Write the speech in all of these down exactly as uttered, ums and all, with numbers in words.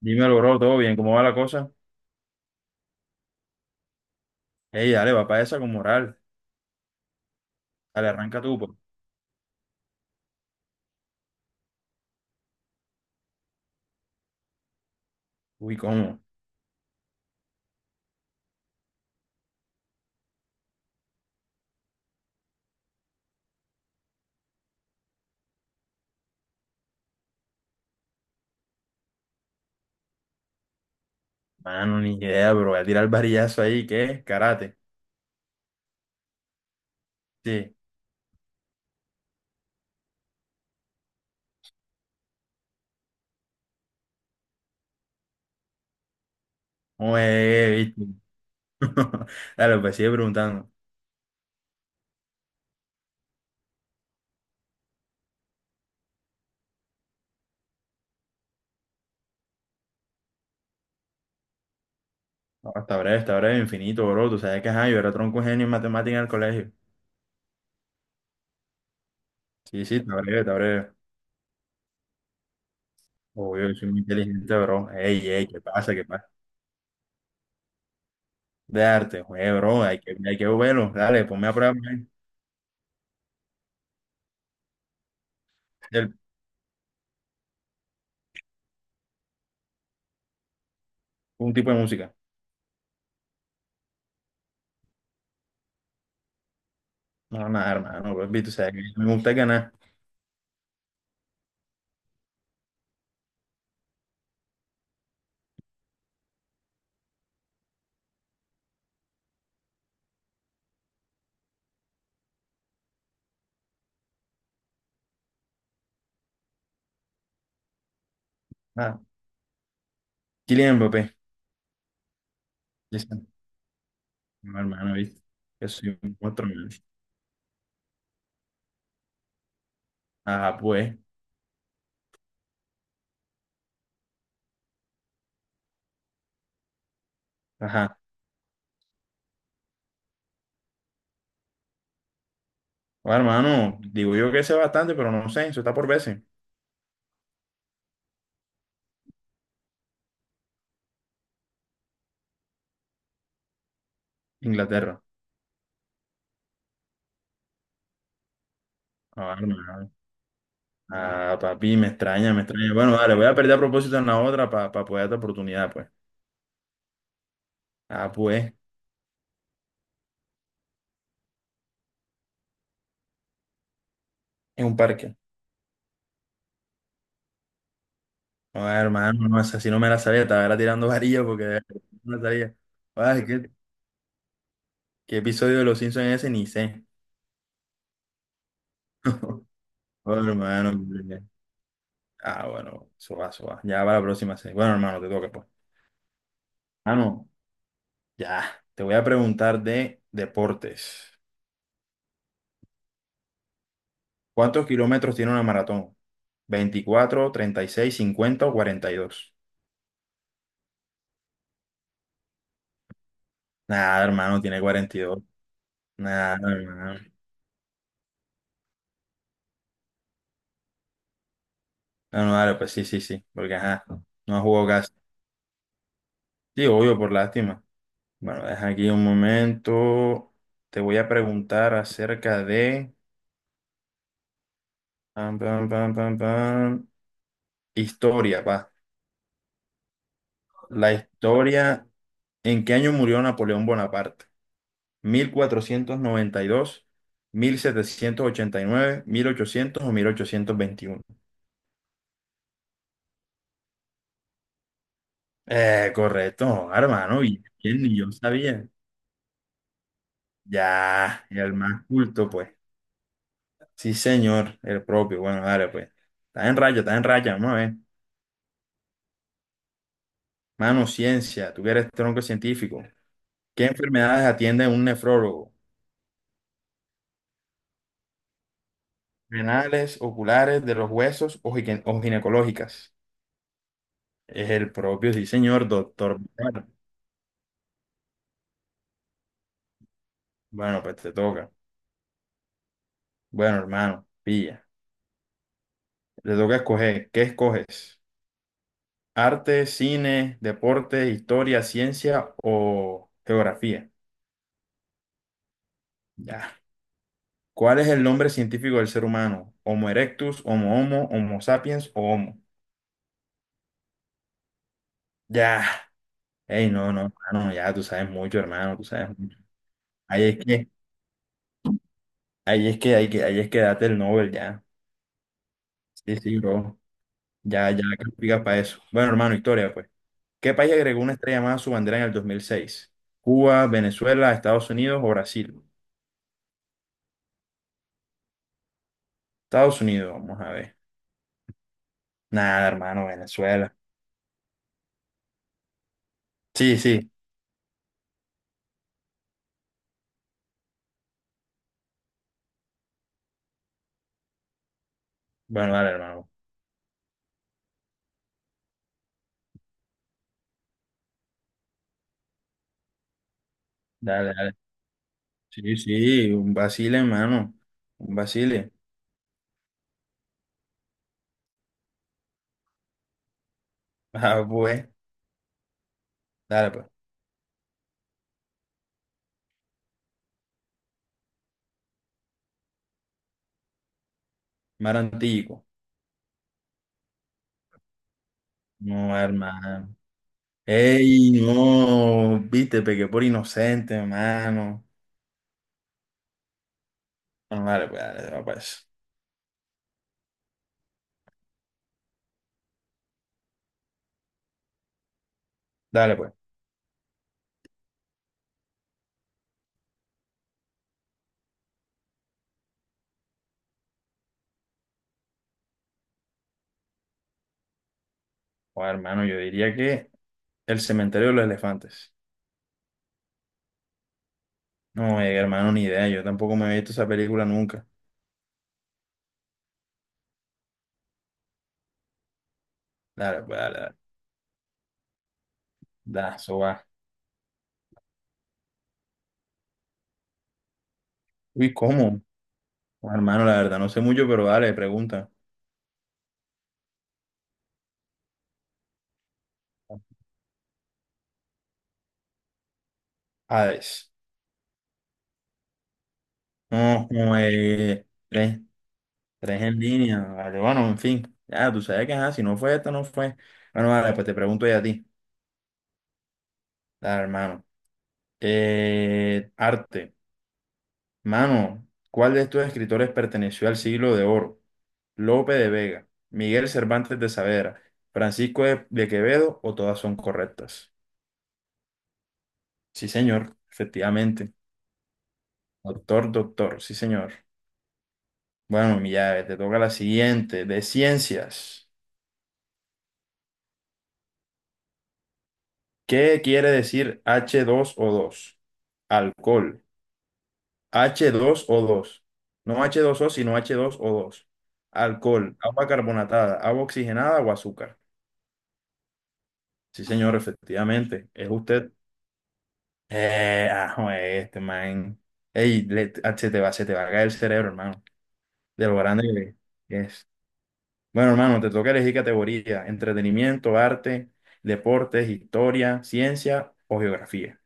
Dímelo, bro, todo bien, ¿cómo va la cosa? Ey, dale, va para esa con moral. Dale, arranca tú, pues. Uy, ¿cómo? Mano, ni idea, bro. Voy a tirar el varillazo ahí, ¿qué? es? Karate. Sí. Oye, viste. Dale, pues sigue preguntando. No, está breve, está breve, infinito, bro. Tú sabes que ajá, yo era tronco genio en matemática en el colegio. Sí, sí, está breve, está breve. Obvio, yo soy muy inteligente, bro. Ey, ey, ¿qué pasa? ¿Qué pasa? De arte, oye, bro, hay que, hay que verlo. Dale, ponme a prueba pues, el- un tipo de música. No, nada, hermano, bro. Tú sabes que a mí me gusta ganar. Kylian Mbappé. Ya está. No, hermano, ¿viste? Yo soy un monstruo, man. Ah, pues. Ajá. No, hermano, digo yo que sé bastante, pero no sé. Eso está por veces. Inglaterra. Ah, hermano. Ah, papi, me extraña, me extraña. Bueno, dale, voy a perder a propósito en la otra para poder darte oportunidad, pues. Ah, pues. En un parque. No, hermano, no, esa sí no me la sabía. Estaba era tirando varillas porque de verdad no me la sabía. Ay, ¿qué, qué episodio de Los Simpsons es ese? Ni sé. Oh, hermano. Ah, bueno, eso va, eso va. Ya va la próxima serie. Bueno, hermano, te toca, pues. Ah, no, ya. Te voy a preguntar de deportes. ¿Cuántos kilómetros tiene una maratón? Veinticuatro, treinta y seis, cincuenta o cuarenta y dos. Nada, hermano, tiene cuarenta y dos. Nada, hermano. No, no, dale, pues sí, sí, sí. Porque, ajá, no jugó casi. Sí, obvio, por lástima. Bueno, deja aquí un momento. Te voy a preguntar acerca de... pam, pam, pam, pam, pam, historia, va. La historia. ¿En qué año murió Napoleón Bonaparte? Mil mil cuatrocientos noventa y y dos, mil setecientos ochenta y nueve, mil ochocientos o mil ochocientos veintiuno? Eh, correcto, hermano, y quién ni yo sabía. Ya, el más culto, pues. Sí, señor, el propio. Bueno, dale, pues. Está en raya, está en raya, vamos a ver. Mano, ciencia, tú que eres tronco científico. ¿Qué enfermedades atiende un nefrólogo? ¿Renales, oculares, de los huesos o gine- o ginecológicas? Es el propio, sí, señor, doctor. Bueno, pues te toca. Bueno, hermano, pilla. Te toca escoger. ¿Qué escoges? ¿Arte, cine, deporte, historia, ciencia o geografía? Ya. ¿Cuál es el nombre científico del ser humano? ¿Homo erectus, Homo homo, Homo sapiens o Homo? Ya. Ey, no, no, hermano, ya tú sabes mucho, hermano, tú sabes mucho. Ahí es que, ahí es que, ahí que, ahí es que date el Nobel, ya. Sí, sí, bro. Ya, ya calificas para eso. Bueno, hermano, historia, pues. ¿Qué país agregó una estrella más a su bandera en el dos mil seis? ¿Cuba, Venezuela, Estados Unidos o Brasil? Estados Unidos, vamos a ver. Nada, hermano, Venezuela. Sí, sí. Bueno, dale, hermano. Dale, dale. Sí, sí, un Basile, hermano. Un Basile. Ah, pues. Dale, pues. Mar Antiguo. No, hermano. Ey, no. Viste, pequé por inocente, hermano. Bueno, dale, pues, dale, dale, pues. Dale, pues. Oh, hermano, yo diría que el cementerio de los elefantes. No, eh, hermano, ni idea. Yo tampoco me he visto esa película nunca. Dale, pues, dale, dale. Da, eso va. Uy, ¿cómo? Bueno, hermano, la verdad, no sé mucho, pero dale, pregunta. Hades. No, como eh, tres, tres en línea. Vale, bueno, en fin. Ya, tú sabes que ajá, si no fue esta, no fue. Bueno, vale, pues te pregunto ya a ti. Dale, hermano. Eh, arte. Mano, ¿cuál de estos escritores perteneció al siglo de oro? Lope de Vega, Miguel Cervantes de Saavedra, Francisco de, de Quevedo o todas son correctas. Sí, señor, efectivamente. Doctor, doctor, sí, señor. Bueno, mi llave, te toca la siguiente, de ciencias. ¿Qué quiere decir h dos o dos? Alcohol. H dos o dos. No h dos o sino h dos o dos. Alcohol, agua carbonatada, agua oxigenada o azúcar. Sí, señor, efectivamente. Es usted. Eh, ah, joder, este man. Ey, le- ah, se te va, se te va a caer el cerebro, hermano. De lo grande que es. Bueno, hermano, te toca elegir categoría: entretenimiento, arte, deportes, historia, ciencia o geografía.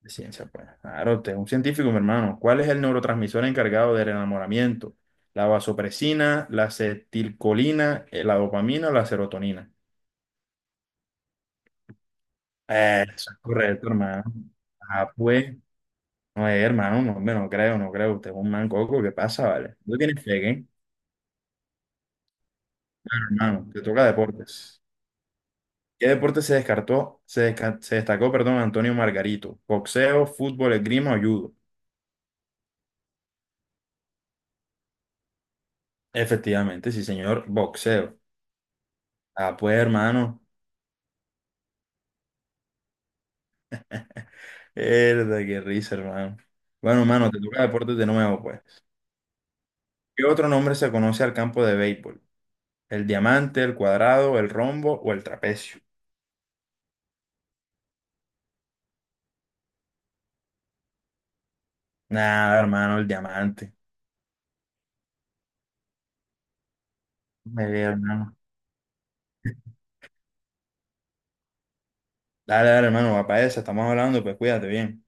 De ciencia, pues. Claro, usted es un científico, mi hermano. ¿Cuál es el neurotransmisor encargado del enamoramiento? ¿La vasopresina, la acetilcolina, eh, la dopamina o la serotonina? Eh, Eso es correcto, hermano. Ah, pues. No, eh, hermano, no, hombre, no creo, no creo. Usted es un man coco, ¿qué pasa, vale? No tienes fe, ¿eh? Hermano, te toca deportes. ¿Qué deporte se descartó, se, desca- se destacó, perdón, Antonio Margarito? ¿Boxeo, fútbol, esgrima o judo? Efectivamente, sí, señor, boxeo. Ah, pues, hermano. Mierda, qué risa, hermano. Bueno, hermano, te toca deportes de nuevo, pues. ¿Qué otro nombre se conoce al campo de béisbol? ¿El diamante, el cuadrado, el rombo o el trapecio? Nada, hermano, el diamante. Me ve, hermano. Dale, dale, hermano, va para esa, estamos hablando, pues cuídate bien.